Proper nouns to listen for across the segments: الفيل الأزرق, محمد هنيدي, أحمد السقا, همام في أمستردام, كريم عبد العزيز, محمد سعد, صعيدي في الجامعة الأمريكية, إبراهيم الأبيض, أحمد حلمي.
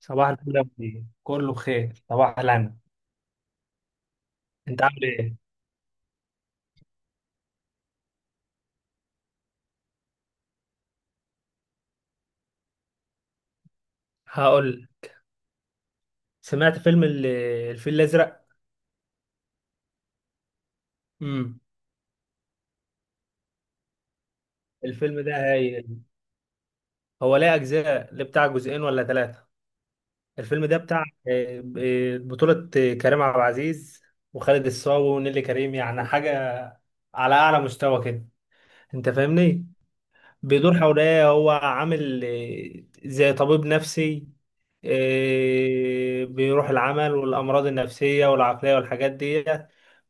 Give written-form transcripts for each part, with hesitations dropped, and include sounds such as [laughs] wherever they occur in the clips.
صباح الفل يا مدير، كله بخير، صباح الهنا. انت عامل ايه؟ هقول. سمعت فيلم الفيل الازرق. امم. الفيلم ده هايل. هو ليه اجزاء؟ ليه بتاع جزئين ولا ثلاثه؟ الفيلم ده بتاع بطوله كريم عبد العزيز وخالد الصاوي ونيلي كريم، يعني حاجه على اعلى مستوى كده. انت فاهمني؟ بيدور حواليا، هو عامل زي طبيب نفسي، بيروح العمل والأمراض النفسية والعقلية والحاجات دي،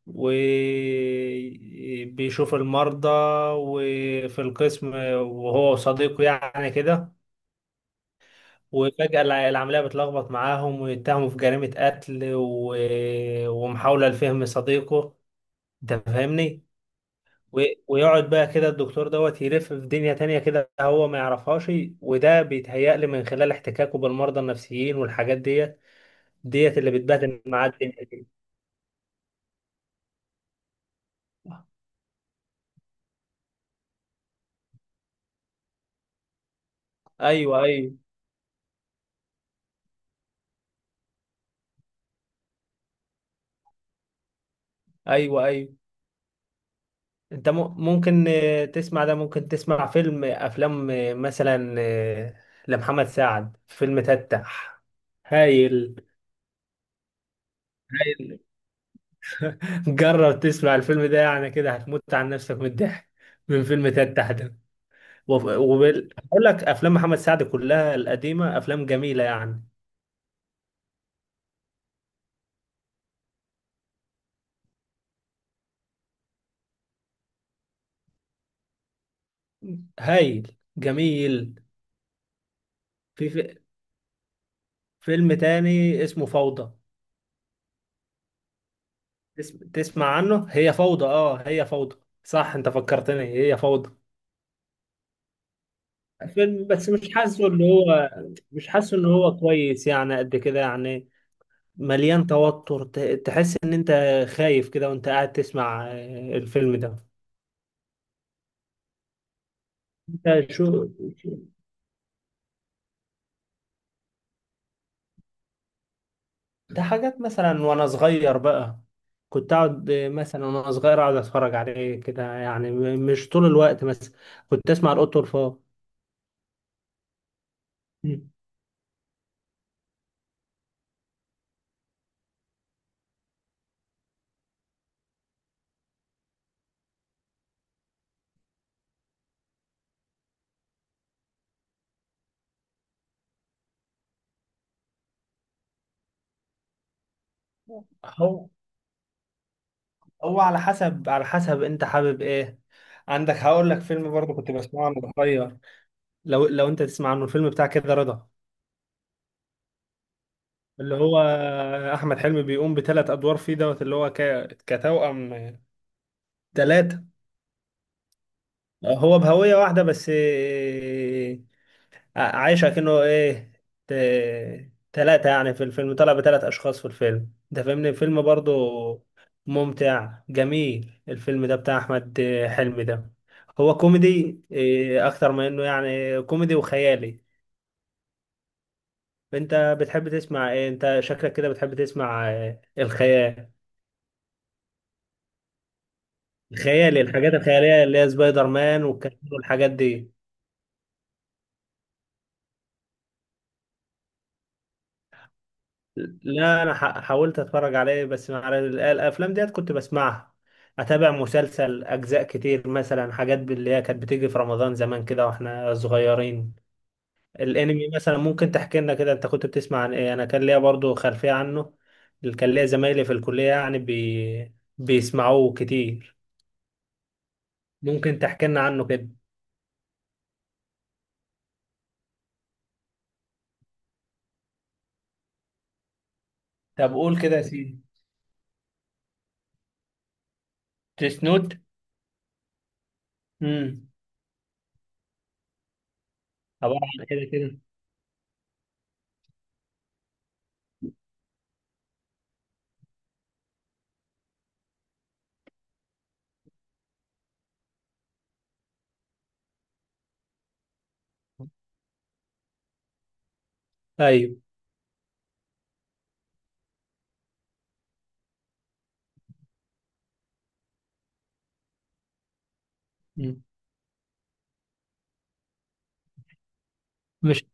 وبيشوف المرضى وفي القسم، وهو وصديقه يعني كده. وفجأة العملية بتلخبط معاهم ويتهموا في جريمة قتل ومحاولة لفهم صديقه. انت فاهمني؟ و- ويقعد بقى كده الدكتور دوت يلف في دنيا تانية كده، هو ما يعرفهاش. وده بيتهيألي من خلال احتكاكه بالمرضى النفسيين والحاجات ديت، ديت اللي بتبهدل معاه الدنيا دي. ايوه، ايوه، ايوه، ايوه. انت ممكن تسمع ده، ممكن تسمع فيلم افلام مثلا لمحمد سعد فيلم تتح. هايل. هايل. [laughs] جرب تسمع الفيلم ده، يعني كده هتموت عن نفسك من الضحك من فيلم تتح ده. وبقول لك افلام محمد سعد كلها القديمه افلام جميله يعني. هايل جميل. في فيلم تاني اسمه فوضى. تسمع عنه؟ هي فوضى، اه، هي فوضى. صح، انت فكرتني، هي فوضى. فيلم بس مش حاسه اللي هو، مش حاسه ان هو كويس يعني قد كده يعني. مليان توتر، تحس ان انت خايف كده وانت قاعد تسمع الفيلم ده. انت شو؟ ده حاجات مثلا وانا صغير بقى، كنت اقعد مثلا وانا صغير اقعد اتفرج عليه كده يعني، مش طول الوقت مثلا. كنت اسمع القط والفار. مم. هو هو على حسب على حسب انت حابب ايه. عندك هقول لك فيلم برضه كنت بسمعه وانا صغير. لو انت تسمع عنه الفيلم بتاع كده رضا. اللي هو احمد حلمي، بيقوم بثلاث ادوار فيه دوت، اللي هو كتوأم. ثلاثة. هو بهوية واحدة بس، عايشة كأنه ايه، ت... تلاتة يعني. في الفيلم طلع بتلات أشخاص، في الفيلم ده فاهمني؟ الفيلم برضو ممتع جميل. الفيلم ده بتاع أحمد حلمي ده، هو كوميدي إيه أكتر ما إنه يعني كوميدي وخيالي. أنت بتحب تسمع إيه؟ أنت شكلك كده بتحب تسمع إيه؟ الخيال، الخيالي، الحاجات الخيالية اللي هي سبايدر مان والكلام والحاجات دي. لا، انا حاولت اتفرج عليه، بس مع الافلام ديت كنت بسمعها. اتابع مسلسل اجزاء كتير، مثلا حاجات اللي هي كانت بتيجي في رمضان زمان كده واحنا صغيرين. الانمي مثلا ممكن تحكي لنا كده، انت كنت بتسمع عن ايه؟ انا كان ليا برضو خلفية عنه، كان ليا زمايلي في الكلية يعني بيسمعوه كتير. ممكن تحكي لنا عنه كده. طب قول كده يا سيدي. ديس نوت. امم. عبارة عن كده كده. ايوه. مم. مش.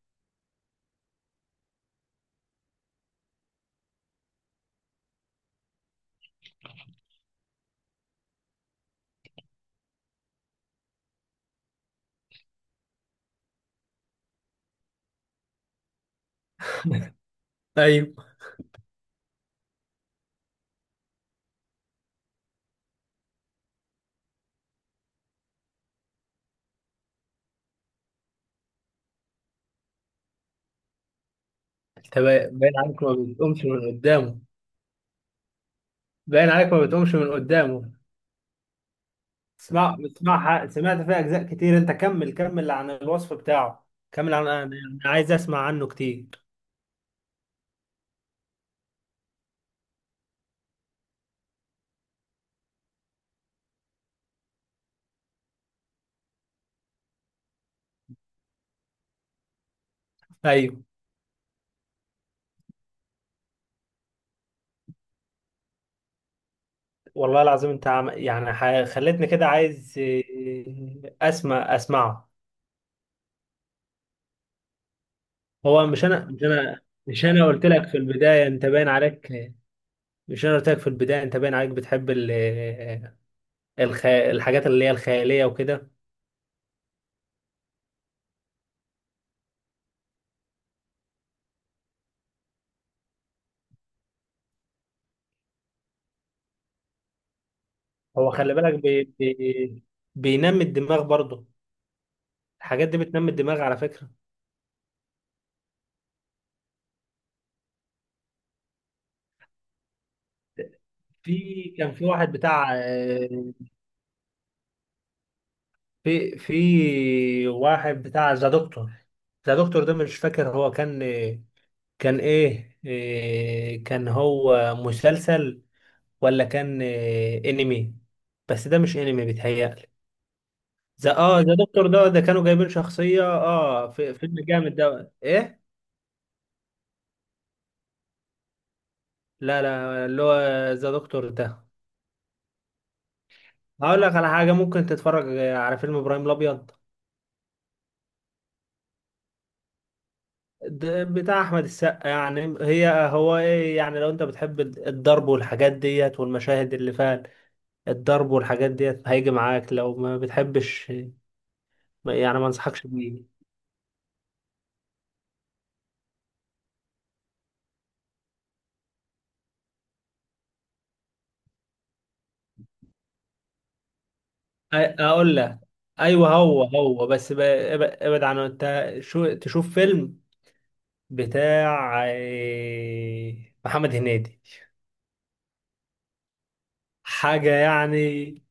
ايوه. انت باين باين عليك ما بتقومش من قدامه. باين عليك ما بتقومش من قدامه. اسمع اسمعها، سمعت فيها اجزاء كتير، انت كمل كمل عن الوصف بتاعه. كمل عن، أنا عايز اسمع عنه كتير. ايوه. والله العظيم، انت خلتني كده عايز إيه، اسمع اسمعه. هو مش انا، مش انا. مش انا قلت لك في البدايه انت باين عليك. مش انا قلت لك في البدايه انت باين عليك بتحب الحاجات اللي هي الخياليه وكده. هو خلي بالك، بينمي الدماغ برضه، الحاجات دي بتنمي الدماغ على فكرة. في كان في واحد بتاع في واحد بتاع ذا دكتور. ذا دكتور ده مش فاكر هو كان، كان ايه، كان هو مسلسل ولا كان انمي؟ بس ده مش انمي بيتهيألي. ذا دكتور ده كانوا جايبين شخصية اه في فيلم جامد، ده ايه؟ لا لا، اللي هو ذا دكتور ده. هقول لك على حاجة، ممكن تتفرج على فيلم إبراهيم الأبيض. ده بتاع أحمد السقا، يعني هي هو إيه يعني، لو أنت بتحب الضرب والحاجات ديت والمشاهد اللي فيها الضرب والحاجات ديت هيجي معاك، لو ما بتحبش يعني ما أنصحكش بيه. أقول لك. أيوه هو هو بس ابعد عنه. أنت شو تشوف فيلم بتاع إيه، محمد هنيدي، حاجة يعني.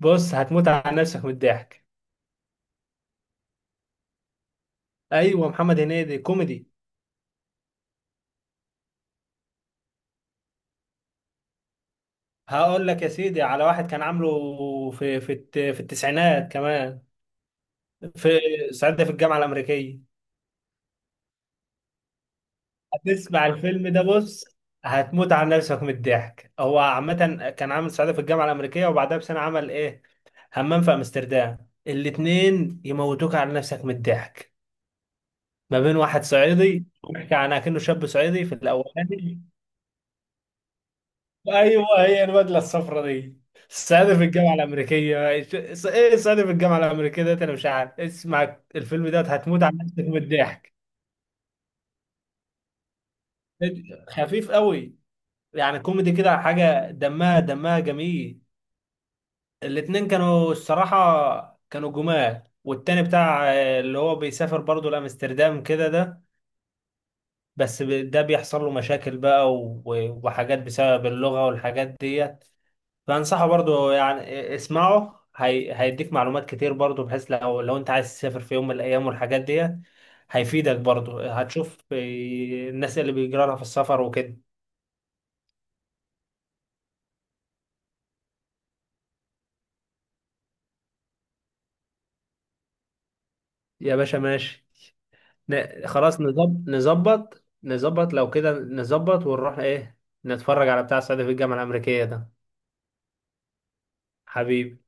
بص هتموت على نفسك من الضحك. أيوه محمد هنيدي كوميدي. هقول لك يا سيدي على واحد كان عامله في التسعينات كمان. في صعيدي في الجامعه الامريكيه. هتسمع الفيلم ده، بص هتموت على نفسك من الضحك. هو عامه كان عامل صعيدي في الجامعه الامريكيه، وبعدها بسنه عمل ايه، همام في امستردام. الاتنين يموتوك على نفسك من الضحك، ما بين واحد صعيدي بيحكي عن كأنه شاب صعيدي في الاولاني. ايوه هي البدله الصفراء دي. السعاده في الجامعه الامريكيه ايه، السعاده في الجامعه الامريكيه ده انا مش عارف، اسمع الفيلم ده هتموت على نفسك من الضحك. خفيف قوي، يعني كوميدي كده حاجه، دمها دمها جميل. الاتنين كانوا الصراحه كانوا جمال، والتاني بتاع اللي هو بيسافر برضه لامستردام كده ده، بس ده بيحصل له مشاكل بقى وحاجات بسبب اللغه والحاجات ديت. فانصحه برضو يعني، اسمعه، هيديك معلومات كتير برضو، بحيث لو انت عايز تسافر في يوم من الايام والحاجات دي هيفيدك برضو. هتشوف إيه الناس اللي بيجرى لها في السفر وكده. يا باشا ماشي. نظبط، لو كده نظبط ونروح ايه، نتفرج على بتاع السعودية في الجامعة الأمريكية ده. حبيبي.